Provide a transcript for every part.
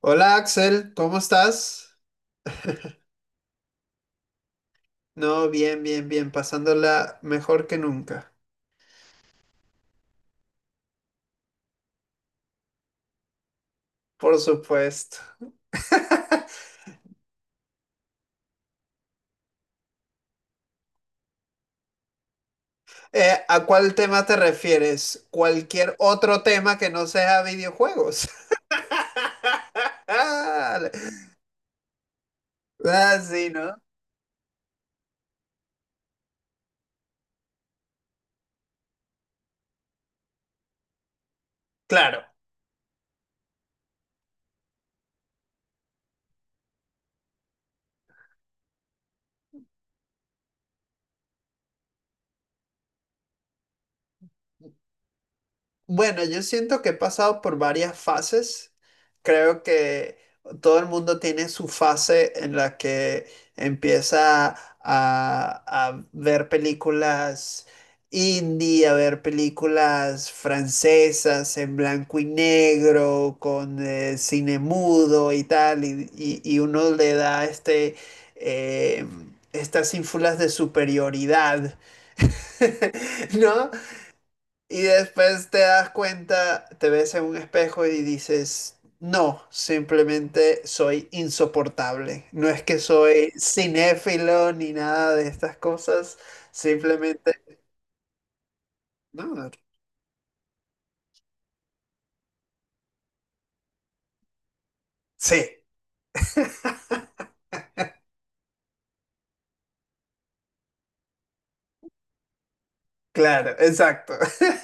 Hola Axel, ¿cómo estás? No, bien, pasándola mejor que nunca, por supuesto. ¿A cuál tema te refieres? ¿Cualquier otro tema que no sea videojuegos? Ah, sí, ¿no? Claro. Bueno, yo siento que he pasado por varias fases. Creo que todo el mundo tiene su fase en la que empieza a, a ver películas indie, a ver películas francesas en blanco y negro, con cine mudo y tal, y uno le da eh, estas ínfulas de superioridad. ¿No? Y después te das cuenta, te ves en un espejo y dices, no, simplemente soy insoportable. No es que soy cinéfilo ni nada de estas cosas, simplemente... No". Sí, claro, exacto.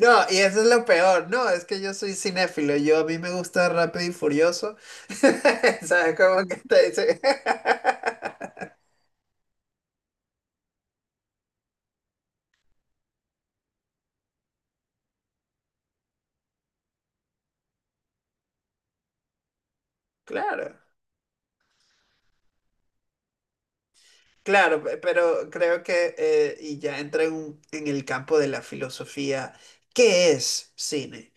No, y eso es lo peor. No, es que yo soy cinéfilo. Yo a mí me gusta Rápido y Furioso. ¿Sabes cómo que te dice? Claro. Pero creo que y ya entra en, en el campo de la filosofía, ¿qué es cine?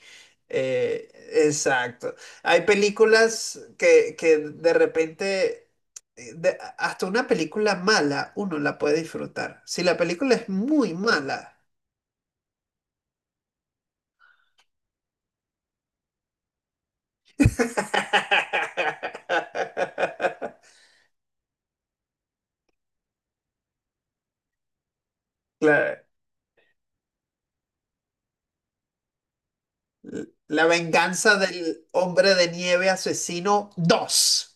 Eh, exacto. Hay películas que de repente, hasta una película mala uno la puede disfrutar. Si la película es muy mala. Claro. La venganza del hombre de nieve asesino dos.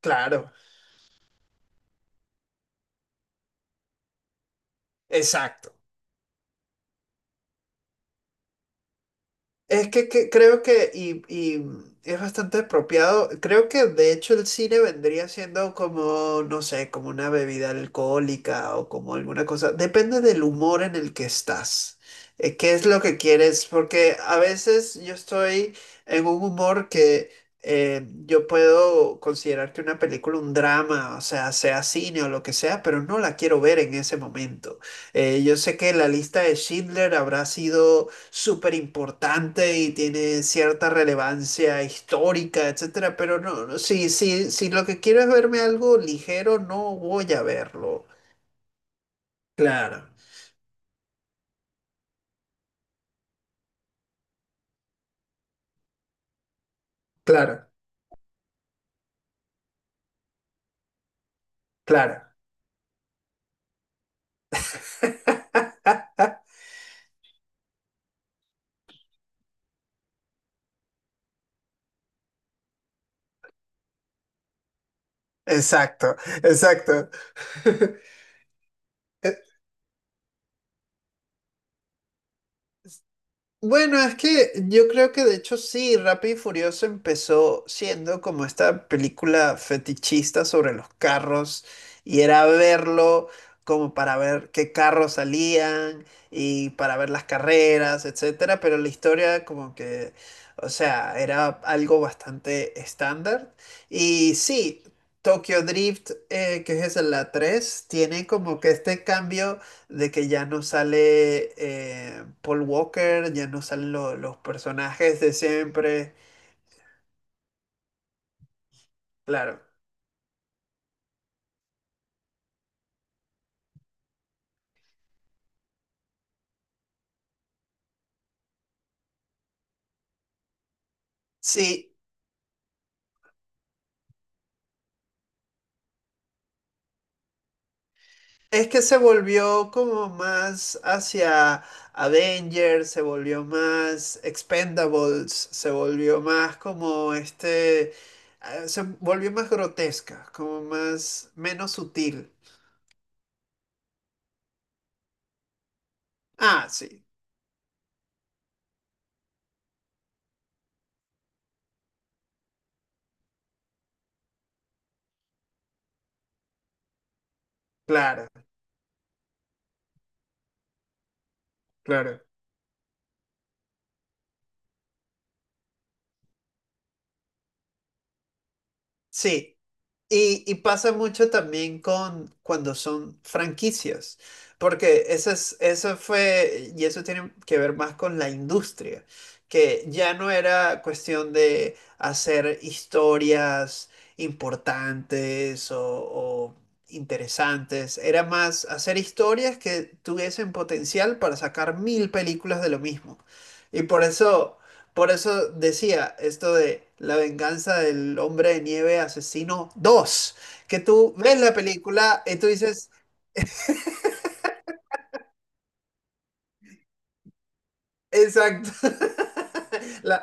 Claro, exacto. Es que creo que es bastante apropiado, creo que de hecho el cine vendría siendo como, no sé, como una bebida alcohólica o como alguna cosa, depende del humor en el que estás, qué es lo que quieres, porque a veces yo estoy en un humor que yo puedo considerar que una película, un drama, o sea, sea cine o lo que sea, pero no la quiero ver en ese momento. Yo sé que la lista de Schindler habrá sido súper importante y tiene cierta relevancia histórica, etcétera, pero si lo que quiero es verme algo ligero, no voy a verlo. Claro, claro, claro. Exacto, exacto. Bueno, es que yo creo que de hecho sí, Rápido y Furioso empezó siendo como esta película fetichista sobre los carros y era verlo como para ver qué carros salían y para ver las carreras, etcétera, pero la historia como o sea, era algo bastante estándar y sí, Tokyo Drift, que es la 3, tiene como que este cambio de que ya no sale Paul Walker, ya no salen los personajes de siempre. Claro. Sí, es que se volvió como más hacia Avengers, se volvió más Expendables, se volvió más como se volvió más grotesca, como más, menos sutil. Ah, sí, claro, claro. Sí. Y pasa mucho también con cuando son franquicias, porque eso fue, y eso tiene que ver más con la industria, que ya no era cuestión de hacer historias importantes o interesantes, era más hacer historias que tuviesen potencial para sacar mil películas de lo mismo. Y por eso... Por eso decía esto de la venganza del hombre de nieve asesino dos que tú ves la película y tú dices, exacto, la,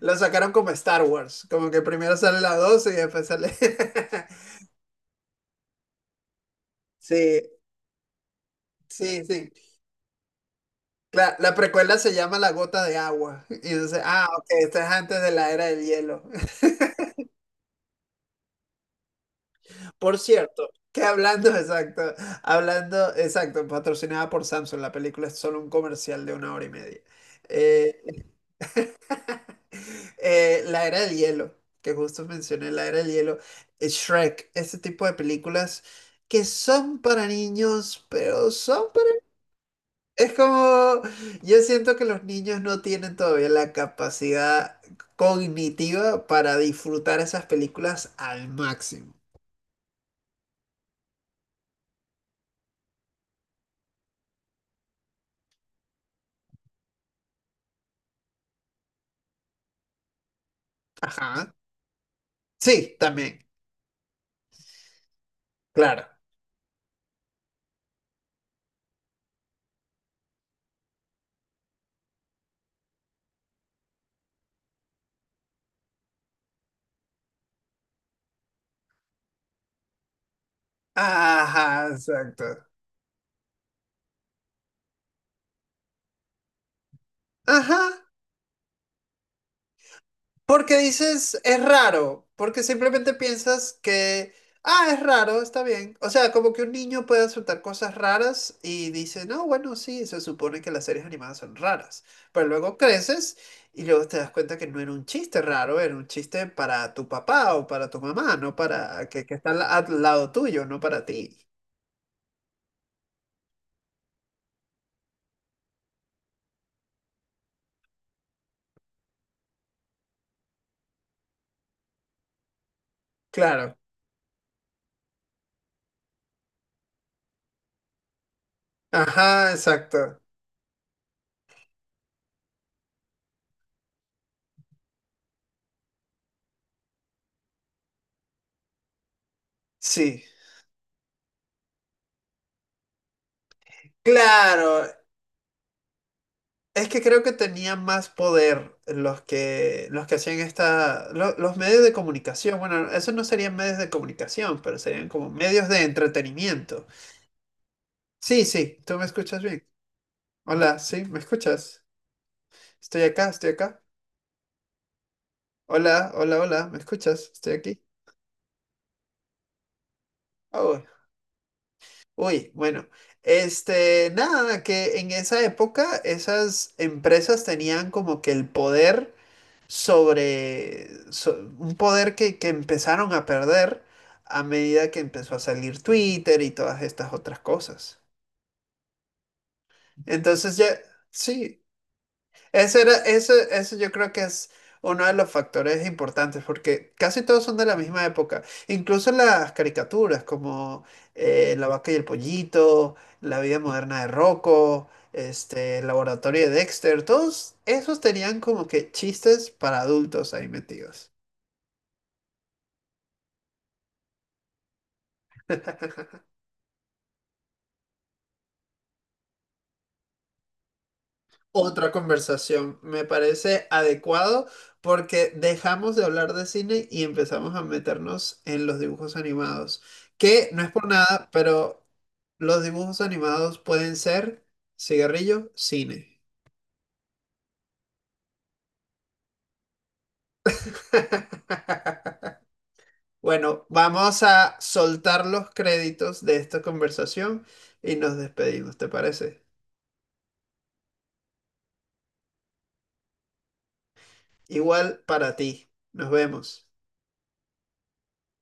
la sacaron como Star Wars, como que primero sale la 2 y después sale... Sí, sí. La precuela se llama La gota de agua. Y entonces, ah, ok, esto es antes de la era del hielo. Por cierto, que hablando, exacto, hablando, exacto, patrocinada por Samsung, la película es solo un comercial de una hora y media. Eh, la era del hielo, que justo mencioné, la era del hielo, Shrek, ese tipo de películas que son para niños, pero son para... Es como, yo siento que los niños no tienen todavía la capacidad cognitiva para disfrutar esas películas al máximo. Ajá. Sí, también, claro. Ajá, exacto. Ajá, porque dices, es raro, porque simplemente piensas que, ah, es raro, está bien. O sea, como que un niño puede aceptar cosas raras y dice, no, bueno, sí, se supone que las series animadas son raras. Pero luego creces y luego te das cuenta que no era un chiste raro, era un chiste para tu papá o para tu mamá, no para que está al, al lado tuyo, no para ti. Claro. Ajá, exacto. Sí. Claro, es que creo que tenían más poder los que hacían esta, los medios de comunicación. Bueno, eso no serían medios de comunicación, pero serían como medios de entretenimiento. Sí, ¿Tú me escuchas bien? Hola, sí, ¿me escuchas? Estoy acá. Hola, ¿me escuchas? Estoy aquí. Oh, uy, bueno. Este, nada, que en esa época esas empresas tenían como que el poder sobre un poder que empezaron a perder a medida que empezó a salir Twitter y todas estas otras cosas. Entonces ya, sí, eso yo creo que es uno de los factores importantes porque casi todos son de la misma época. Incluso las caricaturas como La vaca y el pollito, La vida moderna de Rocco. Este, el laboratorio de Dexter, todos esos tenían como que chistes para adultos ahí metidos. Otra conversación. Me parece adecuado porque dejamos de hablar de cine y empezamos a meternos en los dibujos animados, que no es por nada, pero los dibujos animados pueden ser cigarrillo, cine. Bueno, vamos a soltar los créditos de esta conversación y nos despedimos, ¿te parece? Igual para ti. Nos vemos.